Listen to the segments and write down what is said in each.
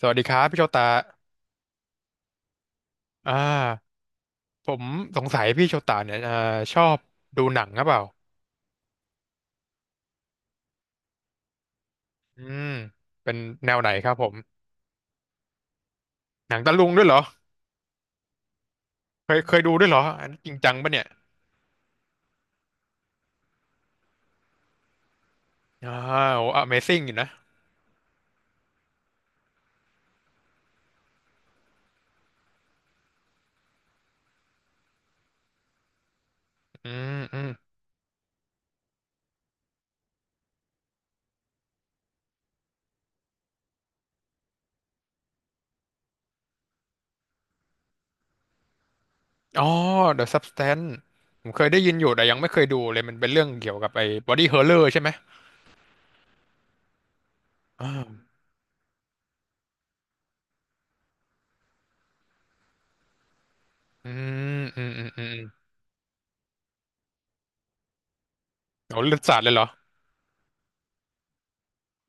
สวัสดีครับพี่โชตาอ่าผมสงสัยพี่โชตาเนี่ยชอบดูหนังหรือเปล่าอืมเป็นแนวไหนครับผม หนังตะลุงด้วยเหรอ เคยดูด้วยเหรออันนี้จริงจังปะเนี่ยอ่าโอ้ Amazing อยู่นะอือืมอ๋อ The Substance ผมเคยได้ยินอยู่แต่ยังไม่เคยดูเลยมันเป็นเรื่องเกี่ยวกับไอ้ Body Horror ใช่ไหมอ่าอืมอืมอืมอืมโอ้เลือดสาดเลยเหรอ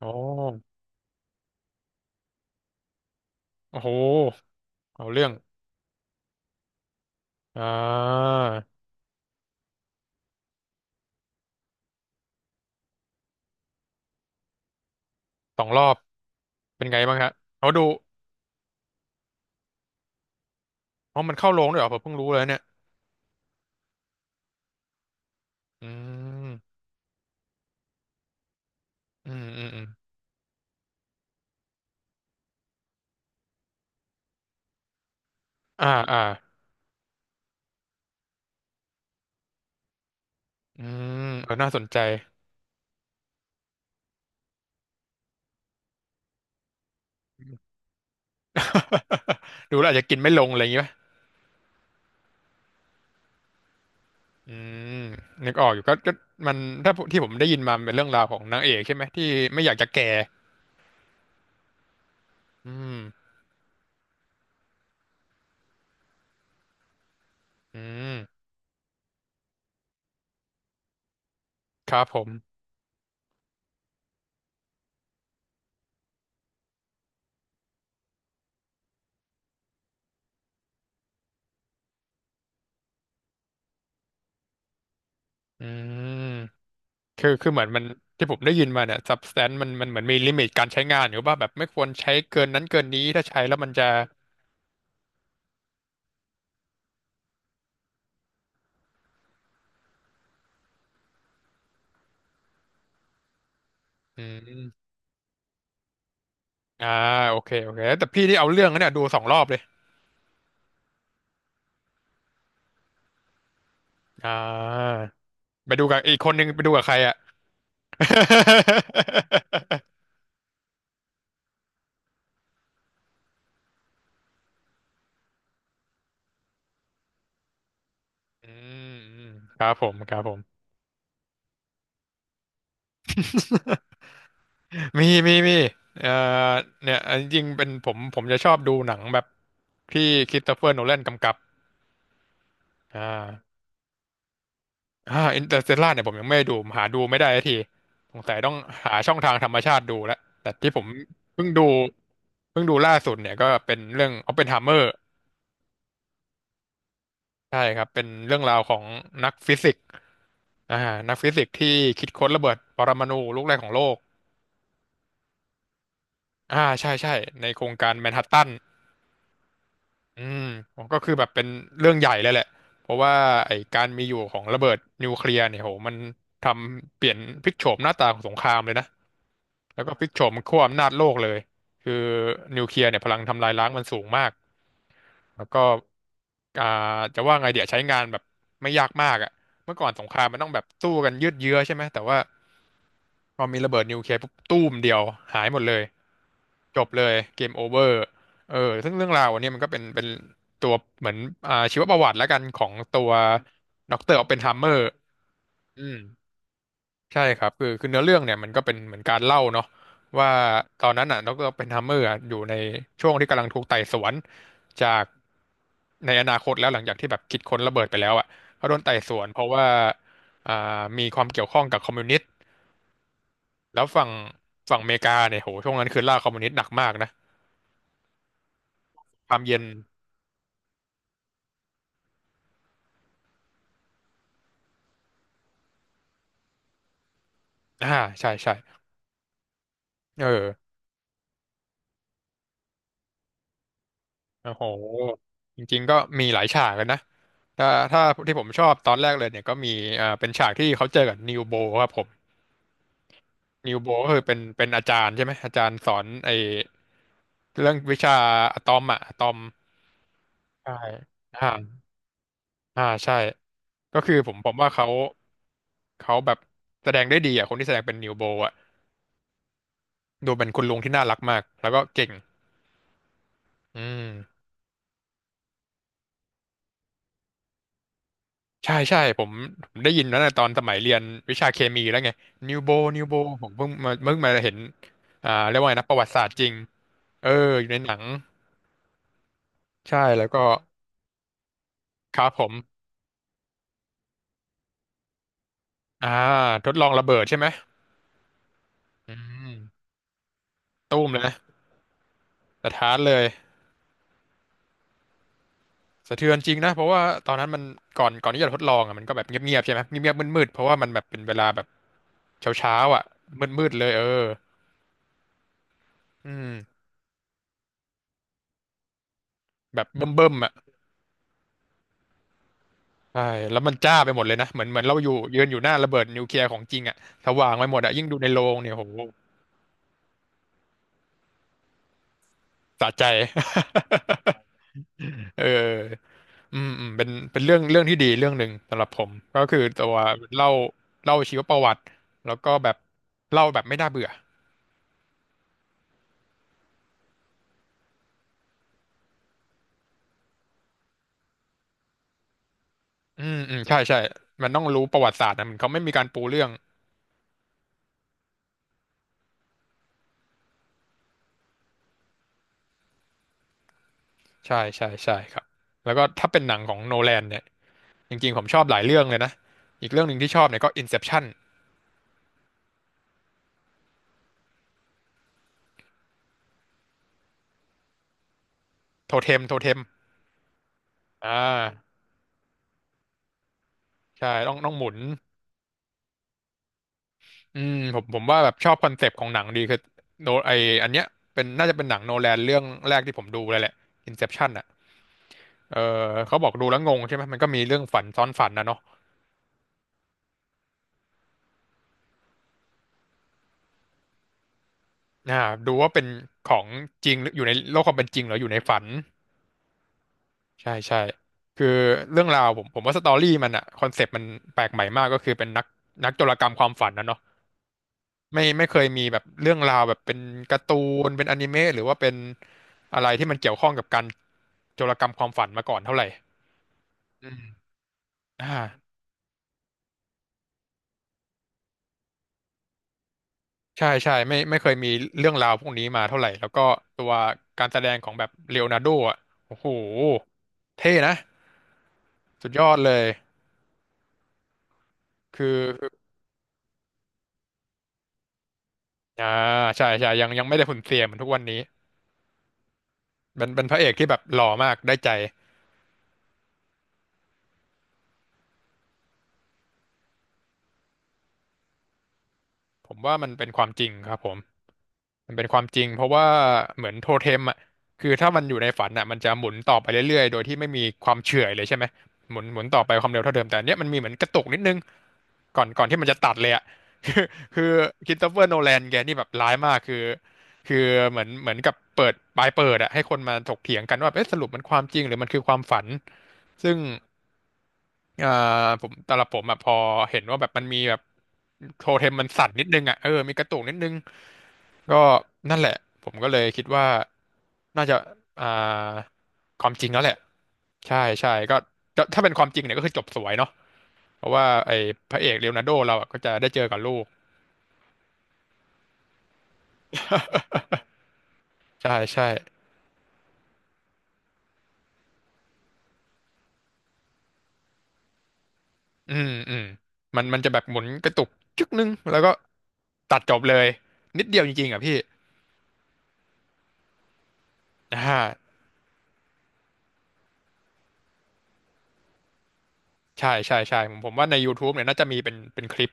โอ้โอ้โหเอาเรื่องอ่าสองรอบ เป็นไงบ้างฮะเอาดู อ๋อมันเข้าโรงด้วยเหรอผมเพิ่งรู้เลยเนี่ยอืมอืมอ่าอ่าอืมเออน่าสนใจ ดูแล้วอาจจะกินไม่ลงอะไรอย่างงี้ป่ะอืมนึกออกอยู่ก็มันถ้าที่ผมได้ยินมามันเป็นเรื่องราวของนางเอกใช่ไหมที่ไม่อยากจะแก่อืมอืมครับผมอืมคือเหมือนมันที่ผมได้ยินมาเนี่ย substance มันเหมือนมีลิมิตการใช้งานอยู่ป่ะแบบไม่ควรใช้เกินนั้นเกินนี้ถ้าใช้แล้วมันจะอืมอ่าโอเคโอเคแต่พี่ที่เอาเรื่องนะเนี่ยดูสองรอบเลยอ่า ไปดูกับอีกคนนึงไปดูกับใครอ่ะ อืมอืมครับผมครับผม มีเอ่อเนี่ยอันจริงๆเป็นผมจะชอบดูหนังแบบที่คริสโตเฟอร์โนแลนกำกับอ่าอินเตอร์เตลล่าเนี่ยผมยังไม่ได้ดูหาดูไม่ได้สักที สงสัยต้องหาช่องทางธรรมชาติดูแล้ว แต่ที่ผมเพิ่งดูล่าสุดเนี่ยก็เป็นเรื่อง o p p e n h เม m e r ใช่ครับเป็นเรื่องราวของนักฟิสิกส์อ่านักฟิสิกส์ที่คิดค้นระเบิดปรมาณูลูกแรกของโลก ใช่ใช่ในโครงการแมนฮัตตันอืมก็คือแบบเป็นเรื่องใหญ่เลยแหละเพราะว่าไอ้การมีอยู่ของระเบิดนิวเคลียร์เนี่ยโหมันทำเปลี่ยนพลิกโฉมหน้าตาของสงครามเลยนะแล้วก็พลิกโฉมขั้วอำนาจโลกเลยคือนิวเคลียร์เนี่ยพลังทำลายล้างมันสูงมากแล้วก็อ่าจะว่าไงเดี๋ยวใช้งานแบบไม่ยากมากอ่ะเมื่อก่อนสงครามมันต้องแบบสู้กันยืดเยื้อใช่ไหมแต่ว่าพอมีระเบิดนิวเคลียร์ปุ๊บตู้มเดียวหายหมดเลย จบเลยเกมโอเวอร์เออซึ่งเรื่องราวอันเนี้ยมันก็เป็นตัวเหมือนชีวประวัติแล้วกันของตัวด็อกเตอร์ออปเพนไฮเมอร์อืมใช่ครับคือเนื้อเรื่องเนี่ยมันก็เป็นเหมือนการเล่าเนาะว่าตอนนั้นอ่ะด็อกเตอร์อปเพนไฮเมอร์อะอยู่ในช่วงที่กำลังถูกไต่สวนจากในอนาคตแล้วหลังจากที่แบบคิดค้นระเบิดไปแล้วอ่ะเขาโดนไต่สวนเพราะว่าอ่ามีความเกี่ยวข้องกับคอมมิวนิสต์แล้วฝั่งอเมริกาเนี่ยโหช่วงนั้นคือล่าคอมมิวนิสต์หนักมากนะความเย็นอ่าใช่ใช่ เออโอ้โหจริงๆก็มีหลายฉากกันนะถ้าที่ผมชอบตอนแรกเลยเนี่ยก็มีเป็นฉากที่เขาเจอกับนิวโบครับผมนิวโบก็คือเป็นอาจารย์ใช่ไหม อาจารย์สอนไอ้เรื่องวิชาอะตอมอะอะตอมใช่อ่าใช่ ก็คือผมว่าเขาแบบแสดงได้ดีอ่ะคนที่แสดงเป็นนิวโบอ่ะดูเป็นคุณลุงที่น่ารักมากแล้วก็เก่งอืม ใช่ใช่ผมได้ยินแล้วนะตอนสมัยเรียนวิชาเคมีแล้วไงนิวโบนิวโบผมเพิ่งมาเห็นเรียกว่าไงนะประวัติศาสตร์จริงเอออยู่ในหนังใช่แล้วก็ครับผมอ่าทดลองระเบิดใช่ไหมอืมตู้มเลยนะสะท้านเลยสะเทือนจริงนะเพราะว่าตอนนั้นมันก่อนที่จะทดลองอ่ะมันก็แบบเงียบๆใช่ไหมเงียบๆมืดๆเพราะว่ามันแบบเป็นเวลาแบบเช้าๆอ่ะมืดๆเลยเอออืมแบบเบิ่มๆอ่ะ ใช่แล้วมันจ้าไปหมดเลยนะเหมือนเราอยู่ยืนอยู่หน้าระเบิดนิวเคลียร์ของจริงอะสว่างไปหมดอะยิ่งดูในโรงเนี่ยโหสะใจ เอออืมอืมเป็นเรื่องที่ดีเรื่องหนึ่งสำหรับผมก็คือตัวเล่าเล่าชีวประวัติแล้วก็แบบเล่าแบบไม่น่าเบื่ออืมอืมใช่ใช่มันต้องรู้ประวัติศาสตร์นะมันเขาไม่มีการปูเรื่องใช่ใช่ใช่ครับแล้วก็ถ้าเป็นหนังของโนแลนเนี่ยจริงๆผมชอบหลายเรื่องเลยนะอีกเรื่องหนึ่งที่ชอบเนี่ยก็ Inception โทเทมโทเทมอ่า ใช่ต้องหมุนอืมผมว่าแบบชอบคอนเซปต์ของหนังดีคือโนไออันเนี้ยเป็นน่าจะเป็นหนังโนแลนเรื่องแรกที่ผมดูเลยแหละ Inception อ่ะเออเขาบอกดูแล้วงงใช่ไหมมันก็มีเรื่องฝันซ้อนฝันนะเนาะอ่าดูว่าเป็นของจริงหรืออยู่ในโลกความเป็นจริงหรืออยู่ในฝันใช่ใช่คือเรื่องราวผมว่าสตอรี่มันอ่ะคอนเซปต์มันแปลกใหม่มากก็คือเป็นนักนักโจรกรรมความฝันนะเนาะ ไม่ไม่เคยมีแบบเรื่องราวแบบเป็นการ์ตูนเป็นอนิเมะหรือว่าเป็นอะไรที่มันเกี่ยวข้องกับการโจรกรรมความฝันมาก่อนเท่าไหร่อืมอ่าใช่ใช่ไม่ไม่เคยมีเรื่องราวพวกนี้มาเท่าไหร่แล้วก็ตัวการแสดงของแบบเลโอนาร์โดอ่ะโอ้โหเท่นะสุดยอดเลย คืออ่าใช่ใช่ยังยังไม่ได้หุ่นเสียเหมือนทุกวันนี้ เป็นเป็นพระเอกที่แบบหล่อมากได้ใจ ผมว่ามันเป็นความจริงครับผม มันเป็นความจริงเพราะว่าเหมือนโทเทมอ่ะคือถ้ามันอยู่ในฝันอ่ะมันจะหมุนต่อไปเรื่อยๆโดยที่ไม่มีความเฉื่อยเลยใช่ไหมหมุนหมุนต่อไปความเร็วเท่าเดิมแต่อันเนี้ยมันมีเหมือนกระตุกนิดนึงก่อนก่อนที่มันจะตัดเลยอ่ะ คือคือคริสโตเฟอร์โนแลนแกนี่แบบร้ายมากคือคือเหมือนเหมือนกับเปิดปลายเปิดอ่ะให้คนมาถกเถียงกันว่าเอ๊ะสรุปมันความจริงหรือมันคือความฝันซึ่งเอ่อผมสำหรับผมอ่ะพอเห็นว่าแบบมันมีแบบโทเทมมันสั่นนิดนึงอ่ะเออมีกระตุกนิดนึง ก็นั่นแหละผมก็เลยคิดว่าน่าจะอ่าความจริงแล้วแหละใช่ใช่ก็ก็ถ้าเป็นความจริงเนี่ยก็คือจบสวยเนาะเพราะว่าไอ้พระเอกเลโอนาร์โดเราอะก็จะได้เจอกับลูกใช่ใช่อืมอืมมันมันจะแบบหมุนกระตุกจึ๊กนึงแล้วก็ตัดจบเลยนิดเดียวจริงๆอ่ะพี่อ่าใช่ใช่ใช่ผมว่าใน YouTube เนี่ยน่าจะมีเป็นเป็นคลิป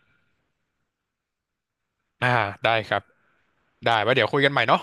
อ่าได้ครับได้ไว้เดี๋ยวคุยกันใหม่เนาะ